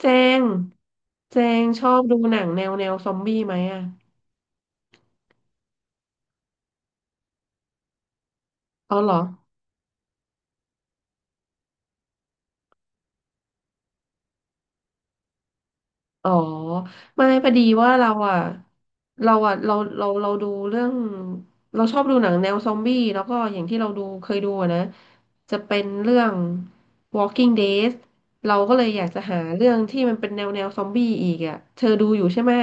เจงเจงชอบดูหนังแนวซอมบี้ไหมอ่ะอ๋อเหรอ อ๋อไม่พอดีว่าเราอ่ะ เราดูเรื่องเราชอบดูหนังแนวซอมบี้แล้วก็อย่างที่เคยดูอะนะ จะเป็นเรื่อง Walking Dead เราก็เลยอยากจะหาเรื่องที่มันเป็นแนวซอมบี้อีกอ่ะ เธอดูอยู่ใช่ไหม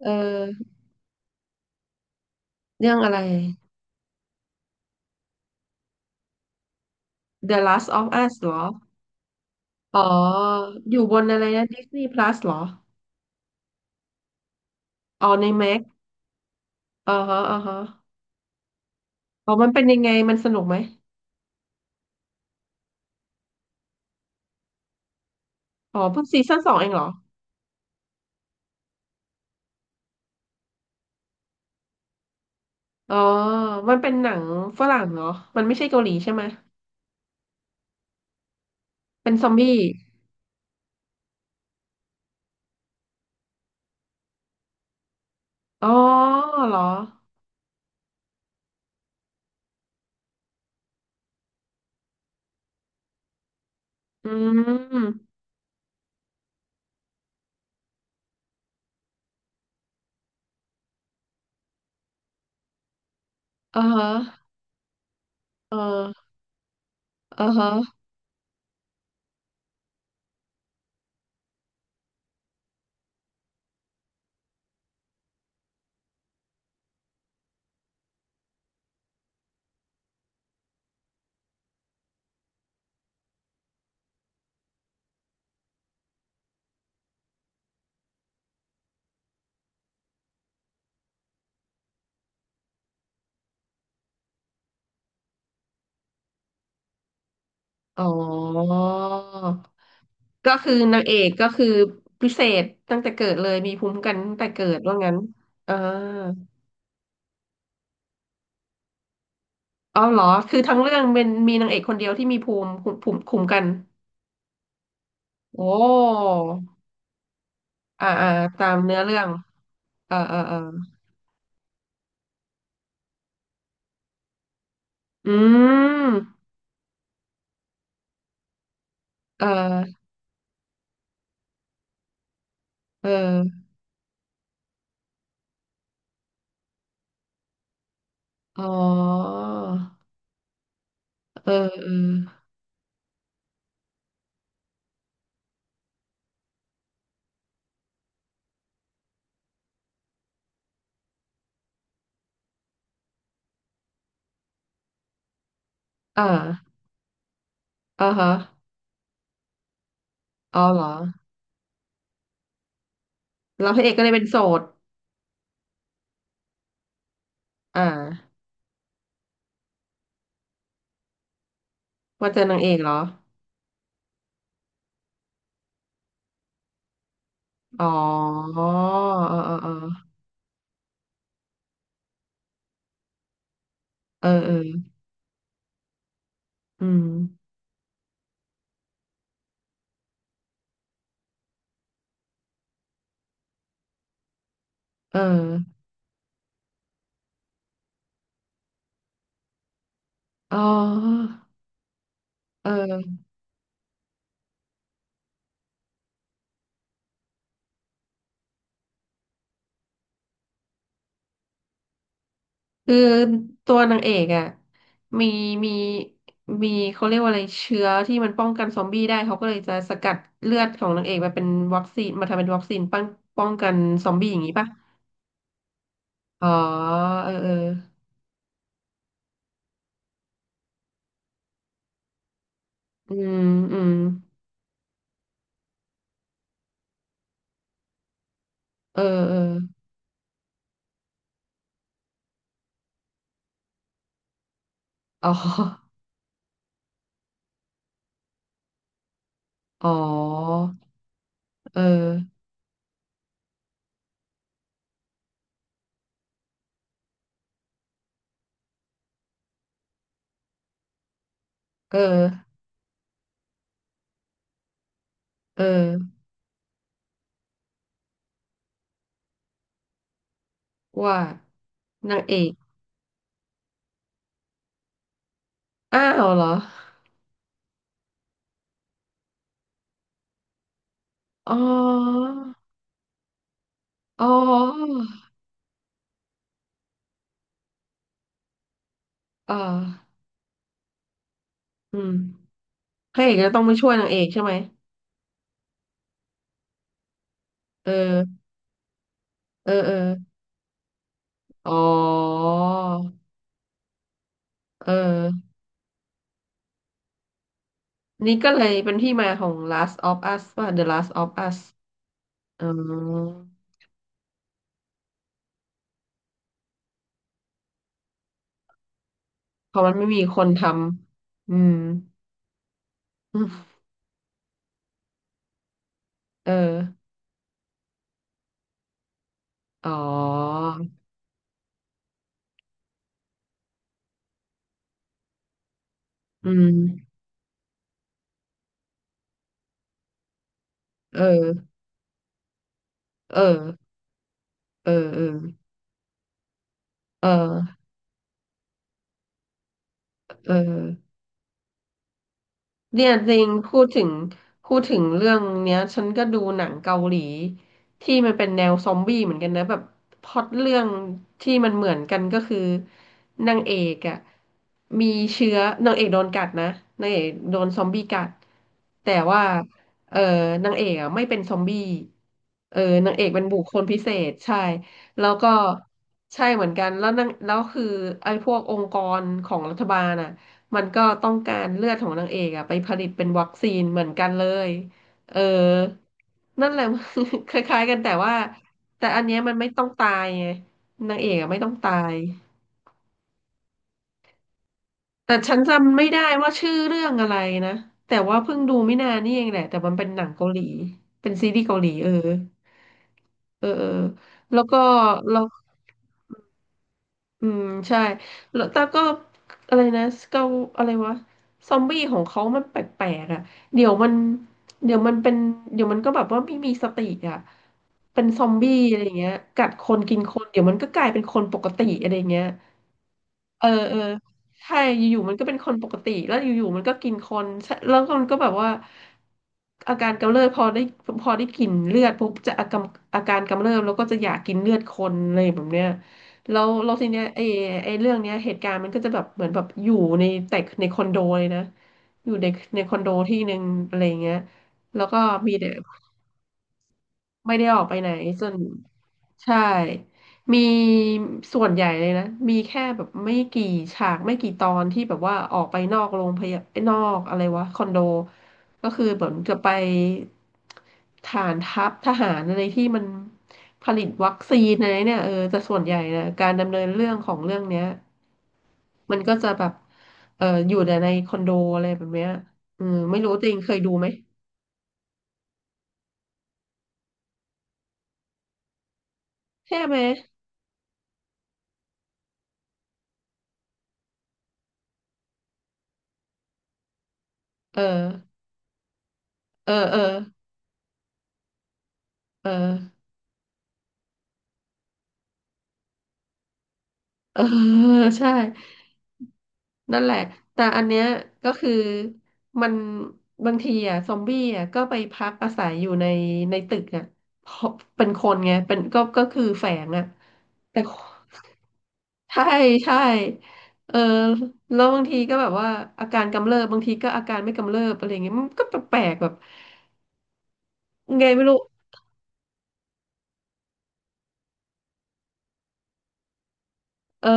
เออเรื่องอะไร The Last of Us เหรอ อ๋อ อยู่บนอะไรนะ Disney Plus เหรออ๋อใน m a ็ อ๋อฮะอ๋อฮะอ๋อมันเป็นยังไงมันสนุกไหมอ๋อเพิ่งซีซั่นสองเองเหรออ๋อมันเป็นหนังฝรั่งเหรอมันไม่ใช่เกาหลีใช่ไหมเป็นซอมบี้อ๋อเหรออืมเอ๋อฮะเออเอ๋อฮะอ๋อก็คือนางเอกก็คือพิเศษตั้งแต่เกิดเลยมีภูมิคุ้มกันตั้งแต่เกิดว่างั้นอ่าอ๋อเหรอคือทั้งเรื่องเป็นมีนางเอกคนเดียวที่มีภูมิภูมิคุ้มกันโอ้อ่าอ่าตามเนื้อเรื่อง เออเออเอออืมเออเอออ๋อเออเอออ่าอ่าฮะอ๋อเหรอแล้วพระเอกก็เลยเป็นโสดอ่าว่าเจอนางเอกเหรออ๋อเออเออเออเออเอออืมเอออ๋อเออ คือตัวนางเอกอ่ะมีมีมีเขาเรียกว่าอะไรเชื้อที่มันป้องกันซอมบี้ได้เขาก็เลยจะสกัดเลือดของนางเอกมาเป็นวัคซีนมาทำเป็นวัคซีนป้องป้องกันซอมบี้อย่างนี้ป่ะอ๋อเออเอออืมอืมเออเอออ๋ออ๋อเออเออเออว่านางเอกอ้าวเหรออ๋ออ๋อเอออืมพระเอกจะต้องมาช่วยนางเอกใช่ไหมเออ เออเออ อ๋อเออนี่ก็เลยเป็นที่มาของ Last of Us ว่า The Last of Us อ๋อ เพราะมันไม่มีคนทำ อืม เอออ๋ออืมเออเออเออเออเออเออ เนี่ยจริงพูดถึงพูดถึงเรื่องเนี้ยฉันก็ดูหนังเกาหลีที่มันเป็นแนวซอมบี้เหมือนกันนะแบบพล็อตเรื่องที่มันเหมือนกันก็คือนางเอกอ่ะมีเชื้อนางเอกโดนกัดนะนางเอกโดนซอมบี้กัดแต่ว่าเออนางเอกอ่ะไม่เป็นซอมบี้เออนางเอกเป็นบุคคลพิเศษใช่แล้วก็ใช่เหมือนกันแล้วนางแล้วคือไอ้พวกองค์กรของรัฐบาลอ่ะ มันก็ต้องการเลือดของนางเอกอะไปผลิตเป็นวัคซีนเหมือนกันเลยเออนั่นแหละ คล้ายๆกันแต่ว่าแต่อันเนี้ยมันไม่ต้องตายไงนางเอกอะไม่ต้องตายแต่ฉันจำไม่ได้ว่าชื่อเรื่องอะไรนะแต่ว่าเพิ่งดูไม่นานนี่เองแหละแต่มันเป็นหนังเกาหลีเป็นซีรีส์เกาหลีเออเออเออแล้วก็แล้ว อืมใช่แล้วแต่ก็อะไรนะเกาอะไรวะซอมบี้ของเขามันแปลกๆอ่ะเดี๋ยวมันเดี๋ยวมันเป็นเดี๋ยวมันก็แบบว่าไม่มีสติอ่ะเป็นซอมบี้อะไรอย่างเงี้ยกัดคนกินคนเดี๋ยวมันก็กลายเป็นคนปกติอะไรอย่างเงี้ย เออเออใช่อยู่ๆมันก็เป็นคนปกติแล้วอยู่ๆมันก็กินคนใช่แล้วมันก็แบบว่าอาการกำเริบพอได้พอได้กลิ่นเลือดปุ๊บจะอาการอาการกำเริบแล้วก็จะอยากกินเลือดคนเลยแบบเนี้ยแล้วแล้วทีเนี้ยไอ้ไอ้เรื่องเนี้ยเหตุการณ์มันก็จะแบบเหมือนแบบอยู่ในแต่ในคอนโดเลยนะอยู่ในในคอนโดที่หนึ่งอะไรเงี้ยแล้วก็มีเด็ก ไม่ได้ออกไปไหนส่วนใช่มีส่วนใหญ่เลยนะ มีแค่แบบไม่กี่ฉากไม่กี่ตอนที่แบบว่าออกไปนอกโรงพยาบาลนอกอะไรวะคอนโดก็คือเหมือนจะไปฐานทัพทหารอะไรที่มันผลิตวัคซีนอะไรเนี่ยเออแต่ส่วนใหญ่นะการดำเนินเรื่องของเรื่องเนี้ยมันก็จะแบบเอออยู่แต่ในคอนโดอะไรแบบเนี้ยอืมไม่รู้จริงเคยดูไหมใช่ไหมเออเออเออ เออเออ ใช่นั่นแหละ แต่อันเนี้ยก็คือมันบางทีอ่ะซอมบี้อ่ะก็ไปพักอาศัยอยู่ในในตึกอ่ะเพราะเป็นคนไงเป็นก็ก็คือแฝงอ่ะแต่ ใช่ใช่เออแล้วบางทีก็แบบว่าอาการกำเริบบางทีก็อาการไม่กำเริบอะไรเงี้ยมันก็แปลกๆแบบไงไม่รู้เออ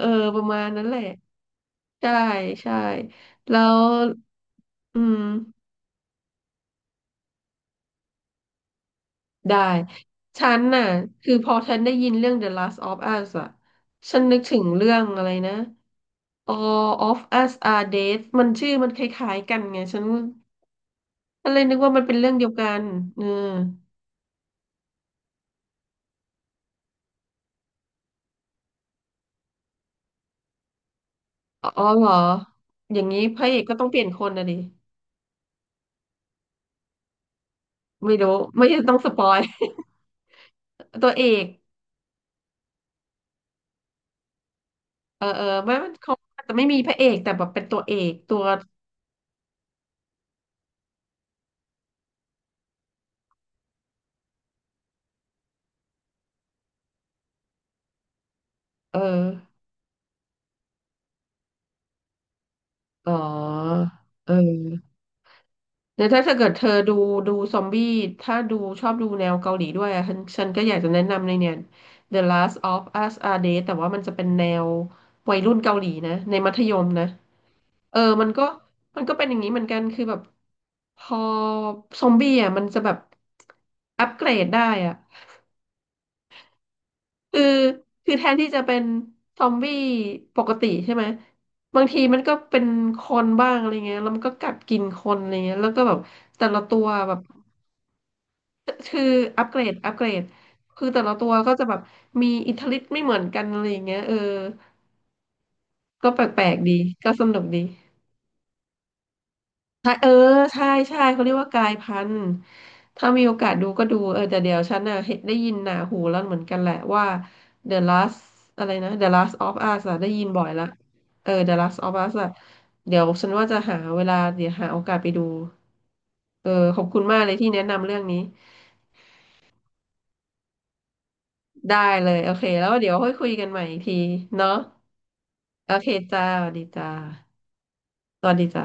เออประมาณนั้นแหละใช่ใช่แล้วอืม ได้ฉันน่ะคือพอฉันได้ยินเรื่อง The Last of Us อ่ะฉันนึกถึงเรื่องอะไรนะ All of Us Are Dead มันชื่อมันคล้ายๆกันไงฉันก็เลยนึกว่ามันเป็นเรื่องเดียวกันเอออ๋อเหรออย่างนี้พระเอกก็ต้องเปลี่ยนคนนะดิไม่รู้ไม่ต้องสปอย ตัวเอกเออเออไม่มันเขาอาจจะไม่มีพระเอกแต่แบบเป็นตัวเอกตัวเอออ๋อเออ เดี๋ยวถ้าเกิดเธอดูดูซอมบี้ถ้าดูชอบดูแนวเกาหลีด้วยอะฉันก็อยากจะแนะนำเลยเนี่ย The Last of Us Are Dead แต่ว่ามันจะเป็นแนววัยรุ่นเกาหลีนะในมัธยมนะเออมันก็มันก็เป็นอย่างนี้เหมือนกันคือแบบพอซอมบี้อ่ะมันจะแบบอัปเกรดได้อ่ะคือคือแทนที่จะเป็นซอมบี้ปกติใช่ไหมบางทีมันก็เป็นคนบ้างอะไรเงี้ยแล้วมันก็กัดกินคนอะไรเงี้ยแล้วก็แบบแต่ละตัวแบบ คืออัปเกรดอัปเกรดคือแต่ละตัวก็จะแบบมีอิทธิฤทธิ์ไม่เหมือนกันอะไรอย่างเงี้ยเออก็แปลกๆดีก็สนุกดีใช่เออใช่ใช่เขาเรียกว่ากายพันธุ์ถ้ามีโอกาสดูก็ดูเออแต่เดี๋ยวฉันน่ะเห็นได้ยินหนาหูแล้วเหมือนกันแหละว่า The Last อะไรนะ The Last of Us อะได้ยินบ่อยละเออ The Last of Us อะเดี๋ยวฉันว่าจะหาเวลาเดี๋ยวหาโอกาสไปดูเออขอบคุณมากเลยที่แนะนำเรื่องนี้ ได้เลยโอเคแล้วเดี๋ยวค่อยคุยกันใหม่อีกทีเนาะโอเคจ้าสวัสดีจ้าสวัสดีจ้า